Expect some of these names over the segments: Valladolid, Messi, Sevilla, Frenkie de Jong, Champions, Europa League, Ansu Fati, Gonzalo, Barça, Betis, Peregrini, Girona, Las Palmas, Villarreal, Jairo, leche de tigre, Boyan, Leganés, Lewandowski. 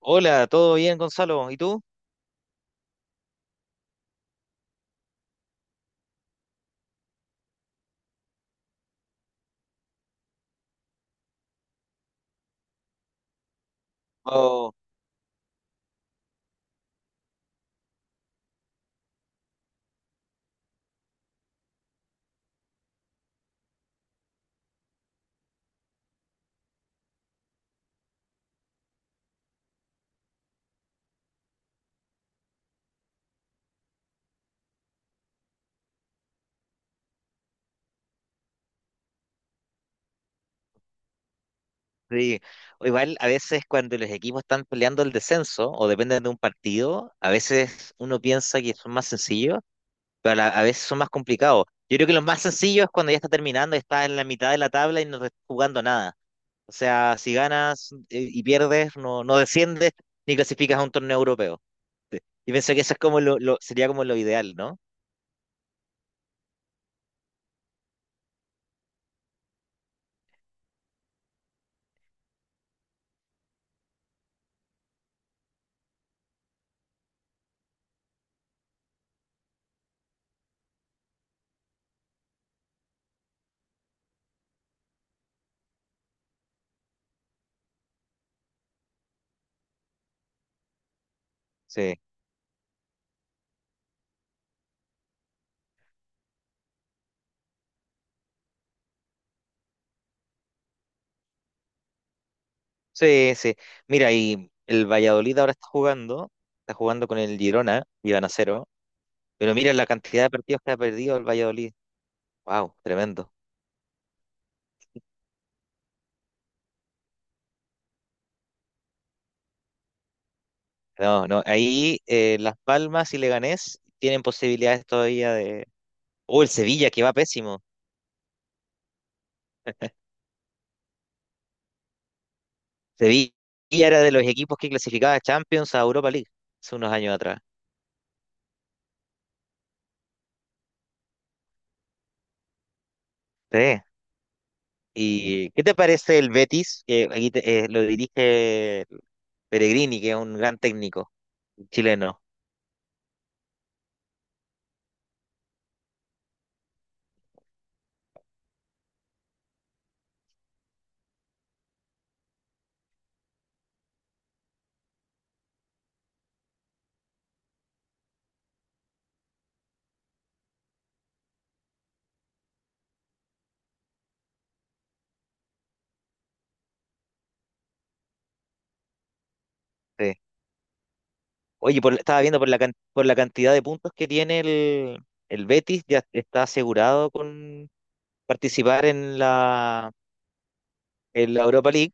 Hola, ¿todo bien, Gonzalo? ¿Y tú? Oh, sí. O igual, a veces cuando los equipos están peleando el descenso o dependen de un partido, a veces uno piensa que son más sencillos, pero a veces son más complicados. Yo creo que los más sencillos es cuando ya está terminando, está en la mitad de la tabla y no está jugando nada. O sea, si ganas y pierdes, no, no desciendes ni clasificas a un torneo europeo. Sí. Y pienso que eso es como sería como lo ideal, ¿no? Sí. Sí, sí. Mira, y el Valladolid ahora está jugando con el Girona y van a cero. Pero mira la cantidad de partidos que ha perdido el Valladolid. Wow, tremendo. No, no, ahí Las Palmas y Leganés tienen posibilidades todavía de. Oh, el Sevilla que va pésimo. Sevilla era de los equipos que clasificaba a Champions a Europa League hace unos años atrás. Sí. ¿Y qué te parece el Betis? Que aquí lo dirige Peregrini, que es un gran técnico chileno. Sí. Oye, estaba viendo por por la cantidad de puntos que tiene el Betis, ya está asegurado con participar en en la Europa League.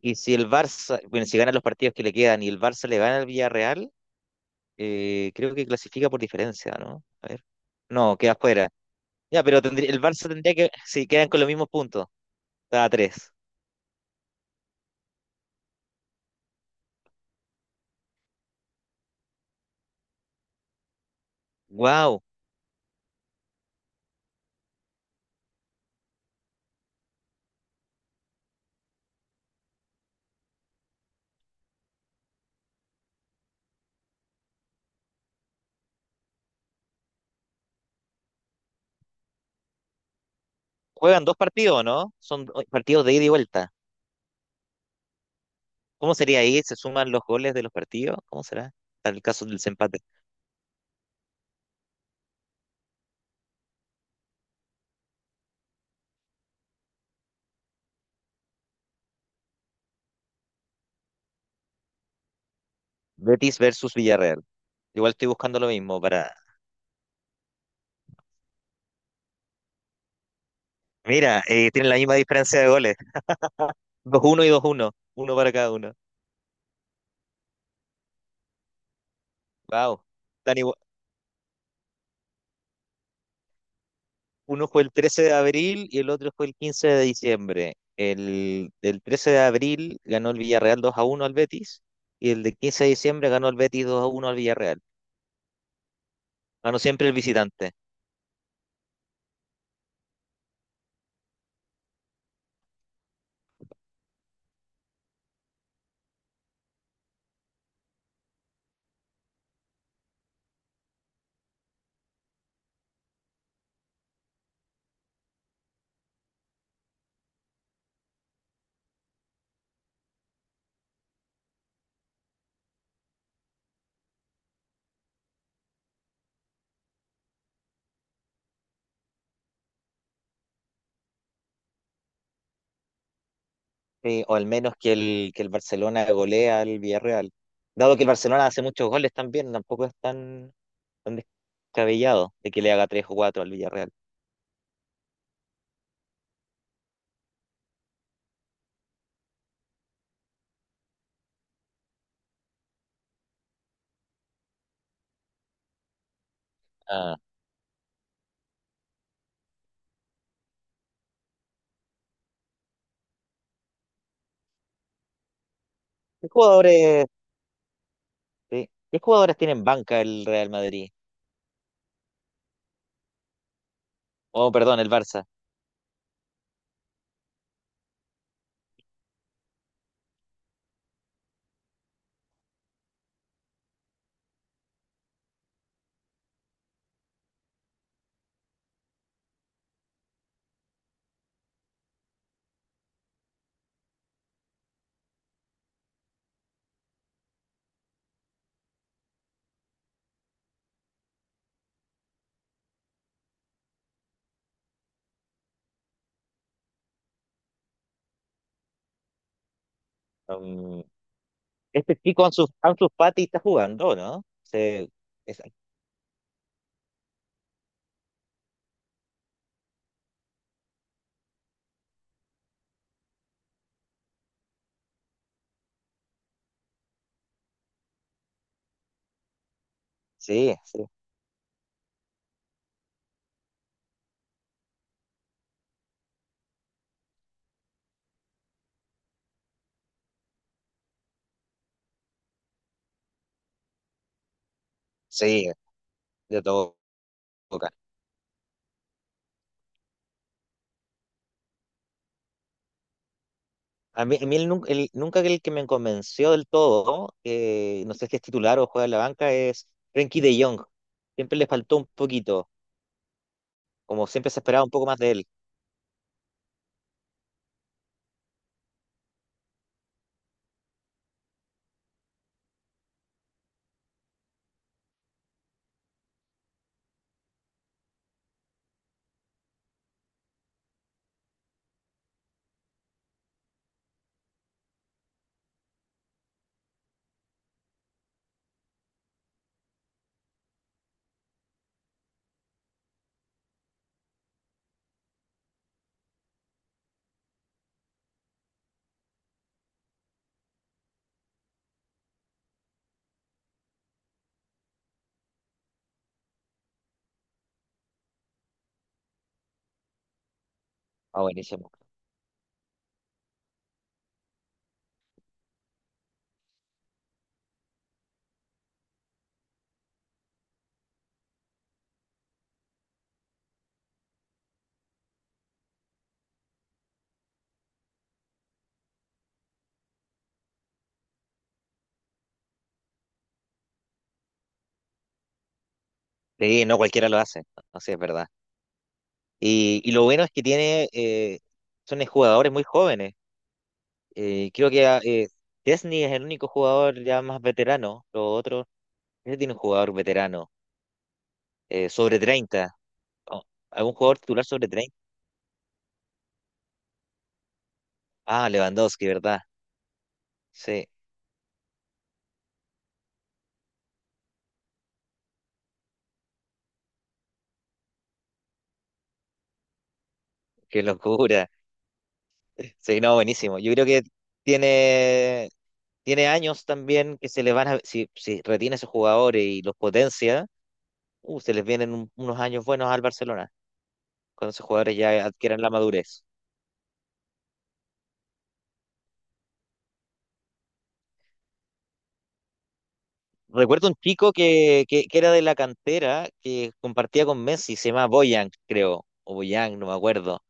Y si el Barça, bueno, si gana los partidos que le quedan y el Barça le gana al Villarreal, creo que clasifica por diferencia, ¿no? A ver. No, queda fuera. Ya, pero el Barça tendría que, si quedan con los mismos puntos, está a tres. Wow. Juegan dos partidos, ¿no? Son partidos de ida y vuelta. ¿Cómo sería ahí? ¿Se suman los goles de los partidos? ¿Cómo será? Tal el caso del desempate. Betis versus Villarreal. Igual estoy buscando lo mismo para. Mira, tienen la misma diferencia de goles. Dos uno y dos uno. Uno para cada uno. Wow. Están igual- Uno fue el 13 de abril y el otro fue el 15 de diciembre. El 13 de abril ganó el Villarreal dos a uno al Betis y el de 15 de diciembre ganó el Betis dos a uno al Villarreal. Ganó siempre el visitante. Sí, o al menos que que el Barcelona golea al Villarreal. Dado que el Barcelona hace muchos goles también, tampoco es tan tan descabellado de que le haga tres o cuatro al Villarreal. Ah. ¿Qué jugadores, sí, qué jugadores tienen banca el Real Madrid? Oh, perdón, el Barça. Um, este chico Ansu Fati está jugando, ¿no? Es- sí, sí, sí, de todo. Toca. A mí nunca el que me convenció del todo, no sé si es titular o juega en la banca, es Frenkie de Jong. Siempre le faltó un poquito, como siempre se esperaba un poco más de él. Ah, buenísimo. Sí, no cualquiera lo hace, no sé, es verdad. Y lo bueno es que tiene, son jugadores muy jóvenes. Creo que Chesney es el único jugador ya más veterano. Los otros, ese tiene un jugador veterano, sobre 30. Oh, ¿algún jugador titular sobre 30? Ah, Lewandowski, ¿verdad? Sí, qué locura. Sí, no, buenísimo. Yo creo que tiene, tiene años también que se le van a, si retiene a esos jugadores y los potencia, se les vienen unos años buenos al Barcelona, cuando esos jugadores ya adquieran la madurez. Recuerdo un chico que era de la cantera, que compartía con Messi, se llama Boyan, creo, o Boyan, no me acuerdo.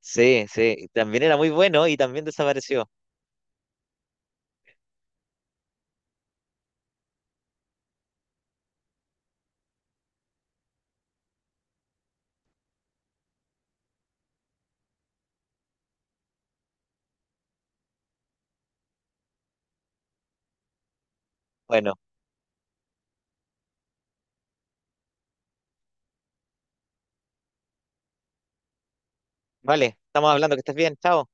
Sí, sí, también era muy bueno y también desapareció. Bueno, vale, estamos hablando, que estés bien, chao.